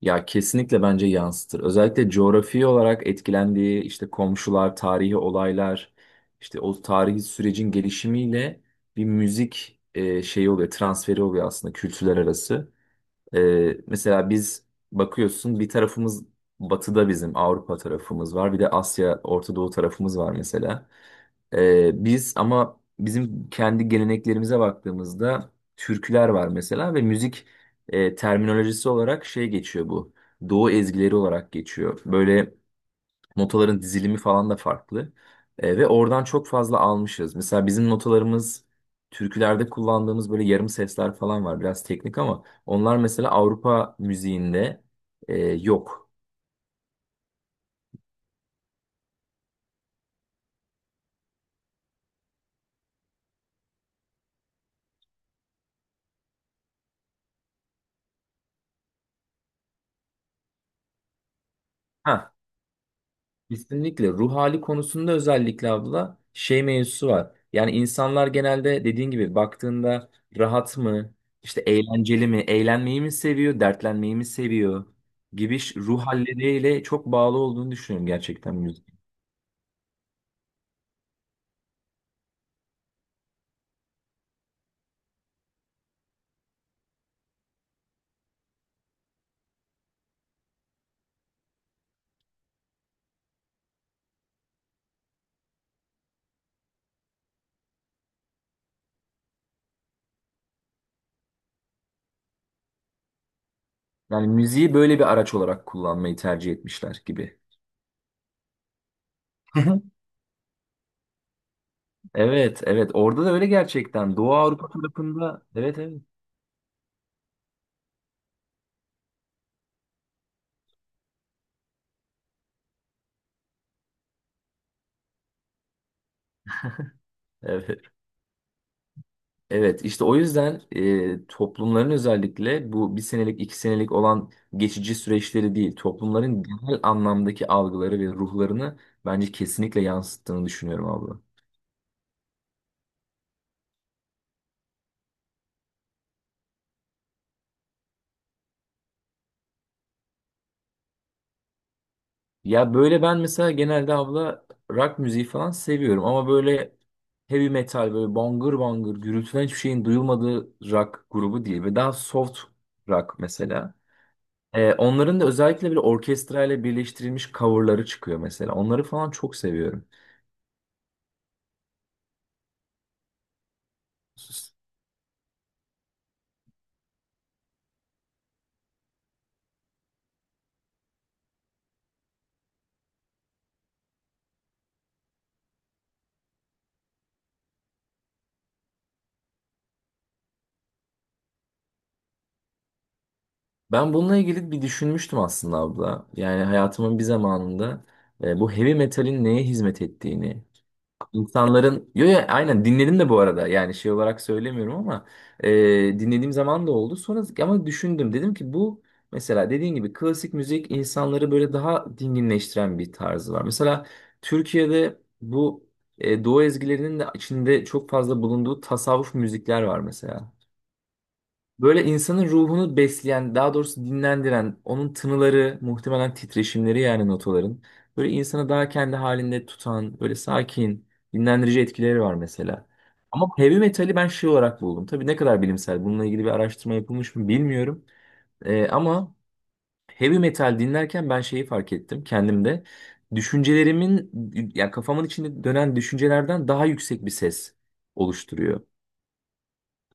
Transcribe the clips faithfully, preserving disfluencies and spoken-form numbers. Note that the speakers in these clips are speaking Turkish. Ya kesinlikle bence yansıtır. Özellikle coğrafi olarak etkilendiği işte komşular, tarihi olaylar, işte o tarihi sürecin gelişimiyle bir müzik e, şeyi oluyor, transferi oluyor aslında kültürler arası. E, Mesela biz bakıyorsun bir tarafımız batıda bizim Avrupa tarafımız var, bir de Asya, Orta Doğu tarafımız var mesela. Ee, biz ama bizim kendi geleneklerimize baktığımızda türküler var mesela ve müzik e, terminolojisi olarak şey geçiyor bu. Doğu ezgileri olarak geçiyor. Böyle notaların dizilimi falan da farklı. E, ve oradan çok fazla almışız. Mesela bizim notalarımız türkülerde kullandığımız böyle yarım sesler falan var. Biraz teknik ama onlar mesela Avrupa müziğinde e, yok. Ha, kesinlikle ruh hali konusunda özellikle abla şey mevzusu var. Yani insanlar genelde dediğin gibi baktığında rahat mı, işte eğlenceli mi, eğlenmeyi mi seviyor, dertlenmeyi mi seviyor gibi ş- ruh halleriyle çok bağlı olduğunu düşünüyorum gerçekten müzik. Yani müziği böyle bir araç olarak kullanmayı tercih etmişler gibi. Evet, evet, orada da öyle gerçekten. Doğu Avrupa tarafında, evet, evet. Evet. Evet, işte o yüzden e, toplumların özellikle bu bir senelik iki senelik olan geçici süreçleri değil, toplumların genel anlamdaki algıları ve ruhlarını bence kesinlikle yansıttığını düşünüyorum abla. Ya böyle ben mesela genelde abla rock müziği falan seviyorum ama böyle heavy metal böyle bangır bangır gürültüden hiçbir şeyin duyulmadığı rock grubu değil ve daha soft rock mesela. E, onların da özellikle böyle orkestrayla birleştirilmiş coverları çıkıyor mesela, onları falan çok seviyorum. Ben bununla ilgili bir düşünmüştüm aslında abla. Yani hayatımın bir zamanında e, bu heavy metalin neye hizmet ettiğini, insanların... Yo, yo, aynen dinledim de bu arada. Yani şey olarak söylemiyorum ama e, dinlediğim zaman da oldu. Sonra ama düşündüm. Dedim ki bu mesela dediğin gibi klasik müzik insanları böyle daha dinginleştiren bir tarzı var. Mesela Türkiye'de bu e, Doğu ezgilerinin de içinde çok fazla bulunduğu tasavvuf müzikler var mesela. Böyle insanın ruhunu besleyen, daha doğrusu dinlendiren, onun tınıları, muhtemelen titreşimleri yani notaların. Böyle insanı daha kendi halinde tutan, böyle sakin, dinlendirici etkileri var mesela. Ama heavy metali ben şey olarak buldum. Tabii ne kadar bilimsel, bununla ilgili bir araştırma yapılmış mı bilmiyorum. Ee, ama heavy metal dinlerken ben şeyi fark ettim kendimde. Düşüncelerimin, ya kafamın içinde dönen düşüncelerden daha yüksek bir ses oluşturuyor.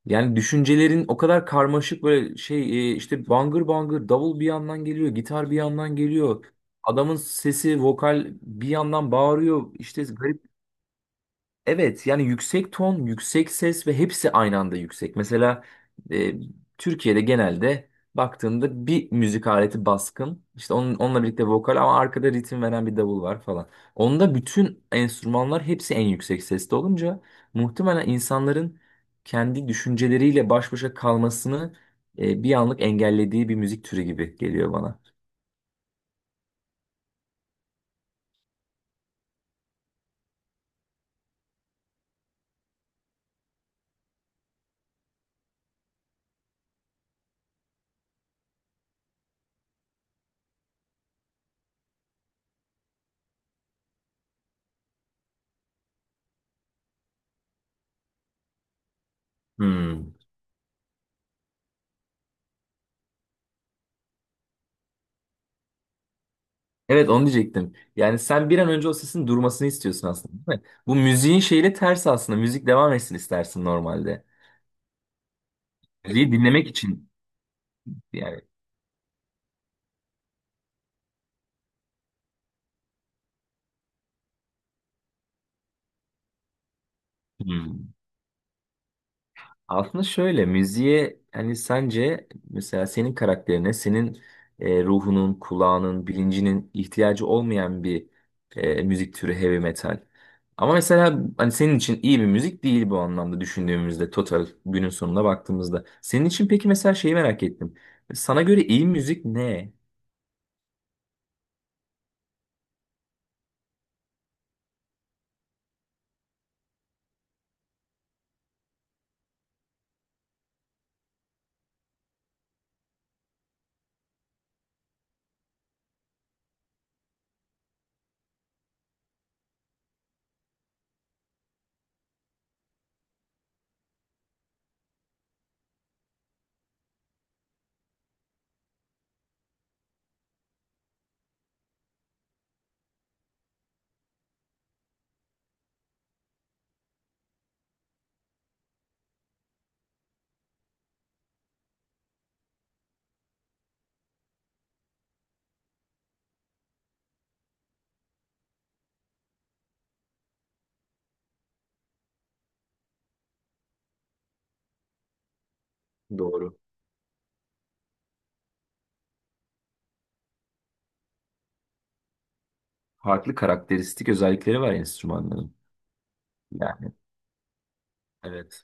Yani düşüncelerin o kadar karmaşık böyle şey e, işte bangır bangır davul bir yandan geliyor, gitar bir yandan geliyor. Adamın sesi, vokal bir yandan bağırıyor. İşte garip. Evet yani yüksek ton, yüksek ses ve hepsi aynı anda yüksek. Mesela e, Türkiye'de genelde baktığında bir müzik aleti baskın. İşte onun, onunla birlikte vokal ama arkada ritim veren bir davul var falan. Onda bütün enstrümanlar hepsi en yüksek seste olunca muhtemelen insanların kendi düşünceleriyle baş başa kalmasını e, bir anlık engellediği bir müzik türü gibi geliyor bana. Hmm. Evet onu diyecektim. Yani sen bir an önce o sesin durmasını istiyorsun aslında, değil mi? Bu müziğin şeyiyle ters aslında. Müzik devam etsin istersin normalde. Müziği dinlemek için yani. Hmm. Aslında şöyle müziğe hani sence mesela senin karakterine, senin e, ruhunun, kulağının, bilincinin ihtiyacı olmayan bir e, müzik türü heavy metal. Ama mesela hani senin için iyi bir müzik değil bu anlamda düşündüğümüzde total günün sonuna baktığımızda. Senin için peki mesela şeyi merak ettim. Sana göre iyi müzik ne? Doğru. Farklı karakteristik özellikleri var enstrümanların. Yani evet.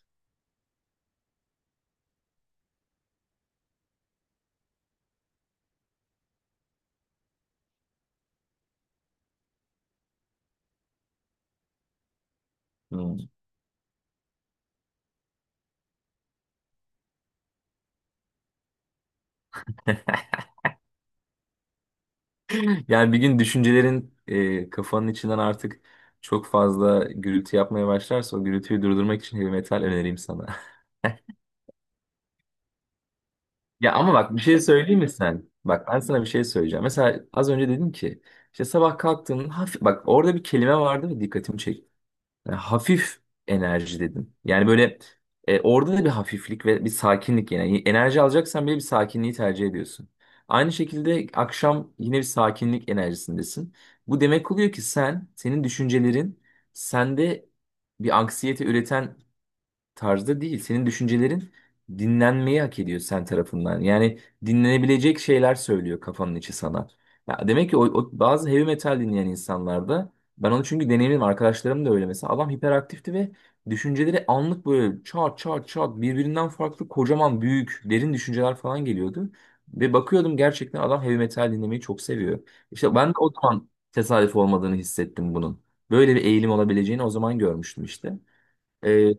Hmm. Yani bir gün düşüncelerin e, kafanın içinden artık çok fazla gürültü yapmaya başlarsa o gürültüyü durdurmak için heavy metal önereyim sana. Ya ama bak bir şey söyleyeyim mi sen? Bak ben sana bir şey söyleyeceğim. Mesela az önce dedim ki işte sabah kalktığında hafif, bak orada bir kelime vardı ve dikkatimi çekti. Yani hafif enerji dedim. Yani böyle e, orada da bir hafiflik ve bir sakinlik yani. Enerji alacaksan bile bir sakinliği tercih ediyorsun. Aynı şekilde akşam yine bir sakinlik enerjisindesin. Bu demek oluyor ki sen, senin düşüncelerin sende bir anksiyete üreten tarzda değil. Senin düşüncelerin dinlenmeyi hak ediyor sen tarafından. Yani dinlenebilecek şeyler söylüyor kafanın içi sana. Ya demek ki o, o bazı heavy metal dinleyen insanlarda ben onu, çünkü deneyimim arkadaşlarım da öyle, mesela adam hiperaktifti ve düşünceleri anlık böyle çat çat çat birbirinden farklı kocaman büyük derin düşünceler falan geliyordu. Ve bakıyordum gerçekten adam heavy metal dinlemeyi çok seviyor. İşte ben de o zaman tesadüf olmadığını hissettim bunun. Böyle bir eğilim olabileceğini o zaman görmüştüm işte. Ee,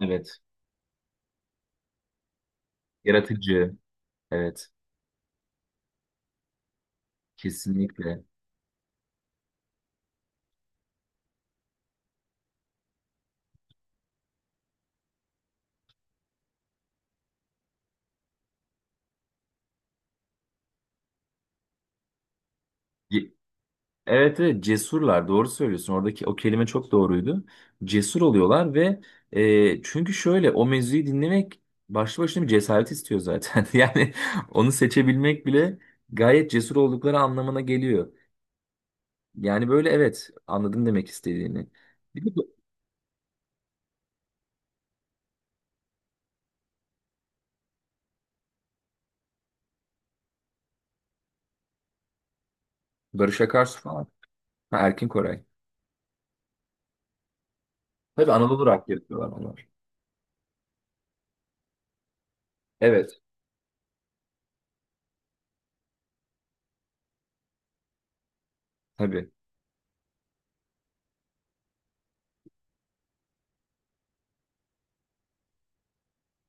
Evet. Yaratıcı. Evet. Kesinlikle. Ye- Evet, evet, cesurlar, doğru söylüyorsun. Oradaki o kelime çok doğruydu. Cesur oluyorlar ve e, çünkü şöyle o mevzuyu dinlemek başlı başına bir cesaret istiyor zaten. Yani onu seçebilmek bile gayet cesur oldukları anlamına geliyor. Yani böyle evet, anladım demek istediğini. Bir de bu- Barış Akarsu falan. Ha, Erkin Koray. Tabii Anadolu rock yapıyorlar onlar. Evet tabii.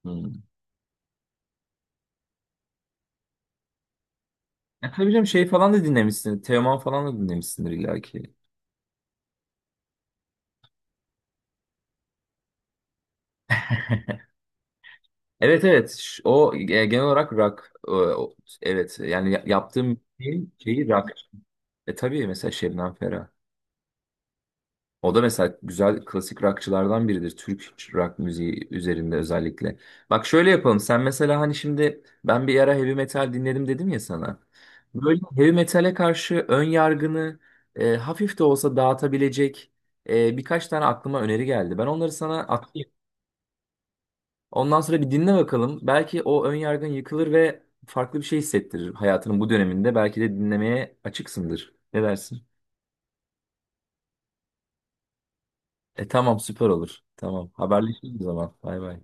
Hmm. E, tabii canım şey falan da dinlemişsin. Teoman falan da dinlemişsindir illa ki. Evet, evet. Ş- O e, genel olarak rock. E, o- evet yani ya- yaptığım şeyin şeyi rock. E tabii, mesela Şebnem Ferah. O da mesela güzel klasik rockçılardan biridir. Türk rock müziği üzerinde özellikle. Bak şöyle yapalım. Sen mesela hani şimdi ben bir ara heavy metal dinledim dedim ya sana. Böyle heavy metale karşı ön yargını e, hafif de olsa dağıtabilecek e, birkaç tane aklıma öneri geldi. Ben onları sana atayım. Ondan sonra bir dinle bakalım. Belki o ön yargın yıkılır ve farklı bir şey hissettirir hayatının bu döneminde. Belki de dinlemeye açıksındır. Ne dersin? E tamam, süper olur. Tamam. Haberleşiriz o zaman. Bay bay.